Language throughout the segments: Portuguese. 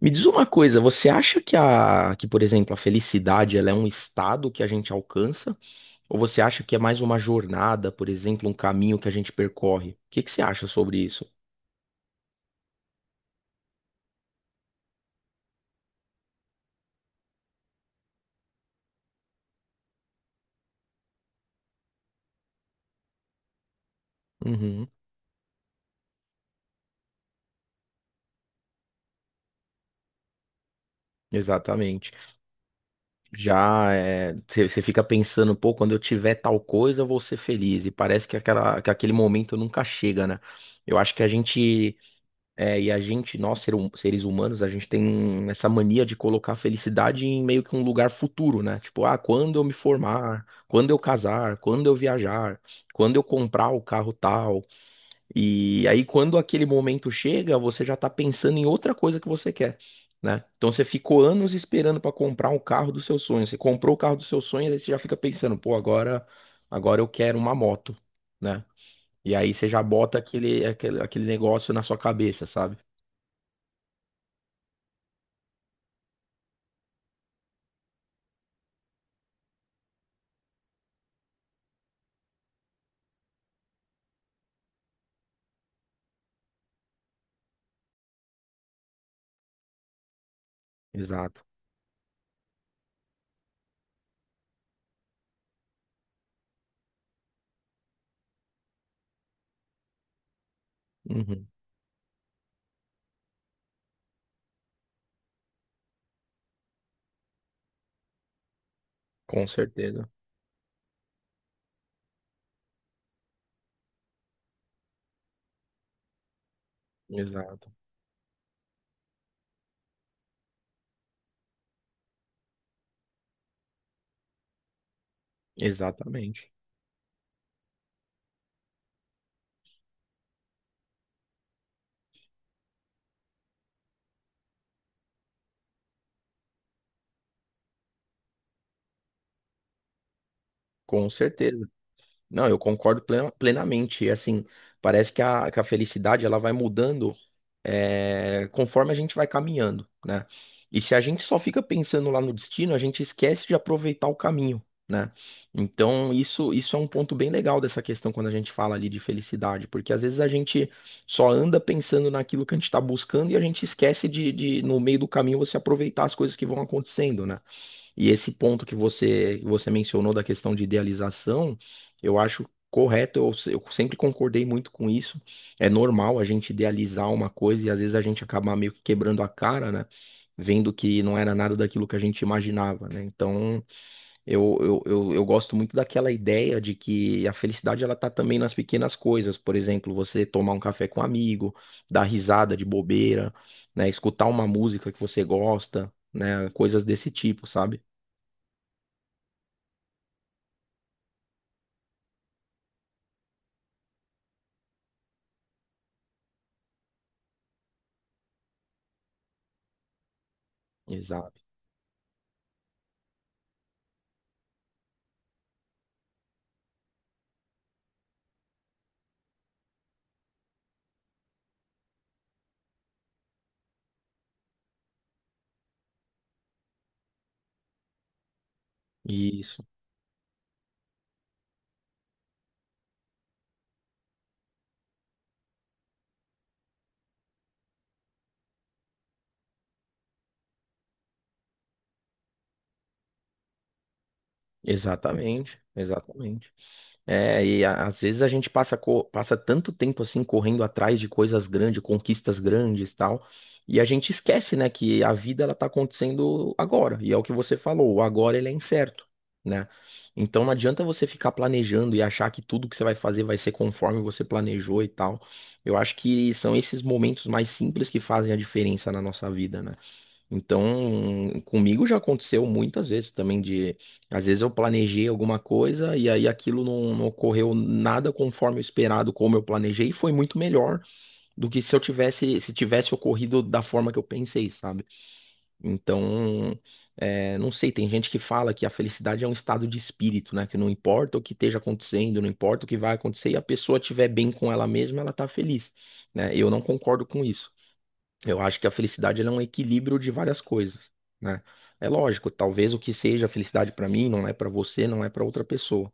Me diz uma coisa, você acha que por exemplo, a felicidade ela é um estado que a gente alcança? Ou você acha que é mais uma jornada, por exemplo, um caminho que a gente percorre? O que que você acha sobre isso? Uhum, exatamente. Já é, você fica pensando, pô, quando eu tiver tal coisa, eu vou ser feliz. E parece que aquele momento nunca chega, né? Eu acho que a gente É, e a gente, nós, ser seres humanos, a gente tem essa mania de colocar a felicidade em meio que um lugar futuro, né? Tipo, ah, quando eu me formar, quando eu casar, quando eu viajar, quando eu comprar o carro tal. E aí, quando aquele momento chega, você já tá pensando em outra coisa que você quer, né? Então, você ficou anos esperando pra comprar um carro dos seus sonhos. Você comprou o carro dos seus sonhos, aí você já fica pensando, pô, agora, agora eu quero uma moto, né? E aí, você já bota aquele negócio na sua cabeça, sabe? Exato. Uhum. Com certeza. Exato. Exatamente. Com certeza. Não, eu concordo plenamente. E, assim, parece que a felicidade ela vai mudando, é, conforme a gente vai caminhando, né? E se a gente só fica pensando lá no destino, a gente esquece de aproveitar o caminho, né? Então, isso é um ponto bem legal dessa questão quando a gente fala ali de felicidade, porque às vezes a gente só anda pensando naquilo que a gente está buscando e a gente esquece no meio do caminho, você aproveitar as coisas que vão acontecendo, né? E esse ponto que você mencionou da questão de idealização, eu acho correto, eu, se- eu sempre concordei muito com isso. É normal a gente idealizar uma coisa e às vezes a gente acabar meio que quebrando a cara, né? Vendo que não era nada daquilo que a gente imaginava, né? Então, eu gosto muito daquela ideia de que a felicidade ela tá também nas pequenas coisas. Por exemplo, você tomar um café com um amigo, dar risada de bobeira, né? Escutar uma música que você gosta, né? Coisas desse tipo, sabe? Exato. Isso, exatamente, exatamente. É, e às vezes a gente passa tanto tempo assim correndo atrás de coisas grandes, conquistas grandes, tal, e a gente esquece, né, que a vida ela tá acontecendo agora, e é o que você falou, o agora ele é incerto, né? Então não adianta você ficar planejando e achar que tudo que você vai fazer vai ser conforme você planejou e tal. Eu acho que são esses momentos mais simples que fazem a diferença na nossa vida, né? Então, comigo já aconteceu muitas vezes também de, às vezes eu planejei alguma coisa e aí aquilo não ocorreu nada conforme o esperado, como eu planejei, e foi muito melhor do que se eu tivesse, se tivesse ocorrido da forma que eu pensei, sabe? Então, é, não sei, tem gente que fala que a felicidade é um estado de espírito, né? Que não importa o que esteja acontecendo, não importa o que vai acontecer, e a pessoa estiver bem com ela mesma, ela tá feliz, né? Eu não concordo com isso. Eu acho que a felicidade ela é um equilíbrio de várias coisas, né? É lógico, talvez o que seja felicidade para mim não é para você, não é para outra pessoa,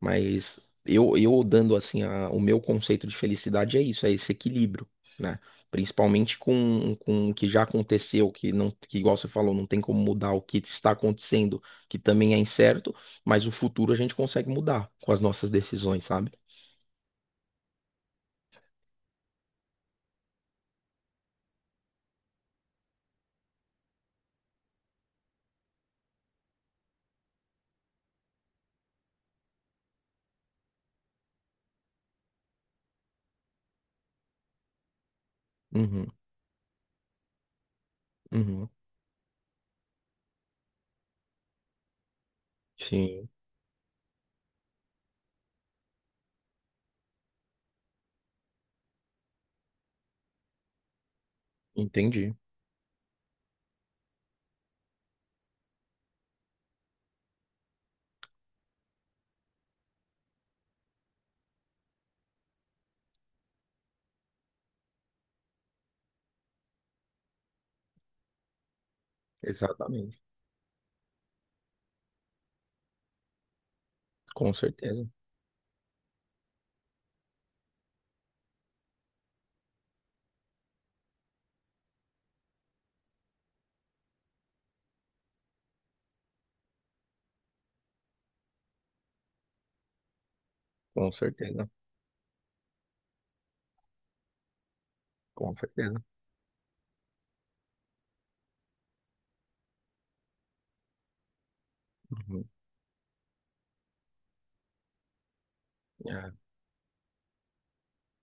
mas eu dando assim o meu conceito de felicidade é isso, é esse equilíbrio, né? Principalmente com o que já aconteceu, que igual você falou, não tem como mudar o que está acontecendo, que também é incerto, mas o futuro a gente consegue mudar com as nossas decisões, sabe? Uhum, uhum. Sim, entendi. Exatamente. Com certeza. Com certeza, com certeza. Uhum. É,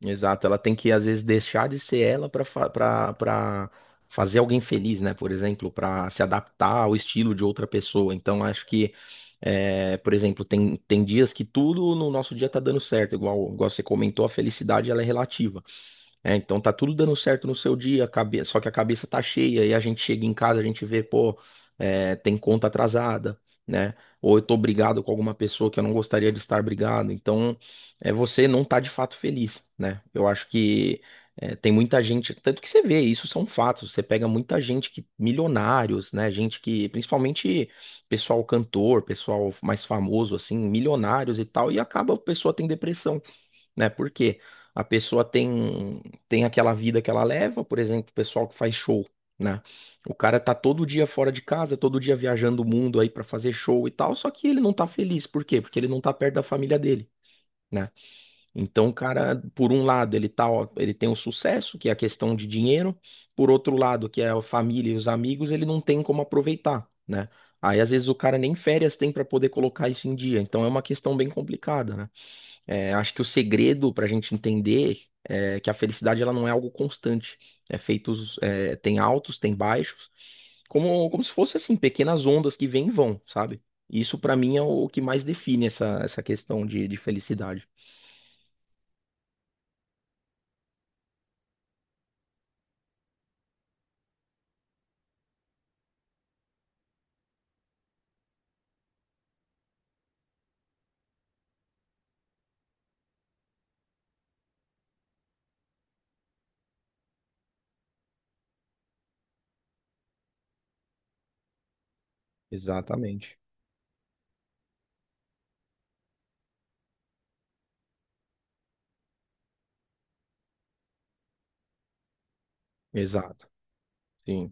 exato, ela tem que às vezes deixar de ser ela para fazer alguém feliz, né? Por exemplo, para se adaptar ao estilo de outra pessoa. Então, acho que, é, por exemplo, tem dias que tudo no nosso dia tá dando certo, igual você comentou, a felicidade ela é relativa. É, então tá tudo dando certo no seu dia, só que a cabeça tá cheia e a gente chega em casa, a gente vê, pô, é, tem conta atrasada, né? Ou eu tô brigado com alguma pessoa que eu não gostaria de estar brigado. Então, é, você não tá de fato feliz, né? Eu acho que é, tem muita gente, tanto que você vê, isso são fatos. Você pega muita gente que, milionários, né? Gente que, principalmente pessoal cantor, pessoal mais famoso, assim, milionários e tal, e acaba a pessoa tem depressão, né? Porque a pessoa tem aquela vida que ela leva, por exemplo, o pessoal que faz show, né? O cara tá todo dia fora de casa, todo dia viajando o mundo aí pra fazer show e tal, só que ele não tá feliz. Por quê? Porque ele não tá perto da família dele. Né? Então, o cara, por um lado, ele tá, ó, ele tem o sucesso, que é a questão de dinheiro, por outro lado, que é a família e os amigos, ele não tem como aproveitar, né? Aí, às vezes, o cara nem férias tem pra poder colocar isso em dia, então é uma questão bem complicada, né? É, acho que o segredo para a gente entender é que a felicidade ela não é algo constante. É feitos, é, tem altos, tem baixos, como se fosse assim, pequenas ondas que vêm e vão, sabe? Isso para mim é o que mais define essa questão de felicidade. Exatamente. Exato. Sim.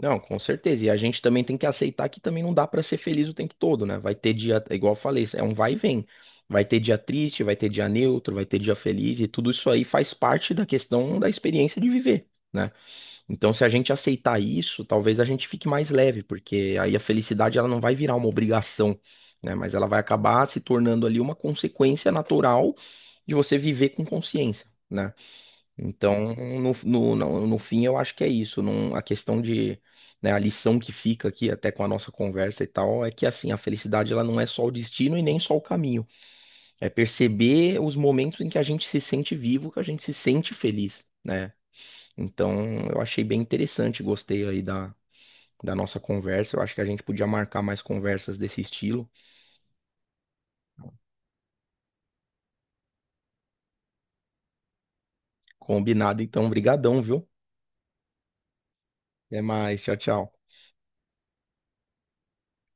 Não, com certeza. E a gente também tem que aceitar que também não dá pra ser feliz o tempo todo, né? Vai ter dia, é igual eu falei, é um vai e vem. Vai ter dia triste, vai ter dia neutro, vai ter dia feliz, e tudo isso aí faz parte da questão da experiência de viver, né? Então, se a gente aceitar isso, talvez a gente fique mais leve, porque aí a felicidade ela não vai virar uma obrigação, né? Mas ela vai acabar se tornando ali uma consequência natural de você viver com consciência. Né? Então, no fim, eu acho que é isso. Não, a questão de, né, a lição que fica aqui, até com a nossa conversa e tal, é que assim, a felicidade ela não é só o destino e nem só o caminho. É perceber os momentos em que a gente se sente vivo, que a gente se sente feliz, né? Então, eu achei bem interessante, gostei aí da, da nossa conversa. Eu acho que a gente podia marcar mais conversas desse estilo. Combinado, então, brigadão, viu? Até mais, tchau, tchau.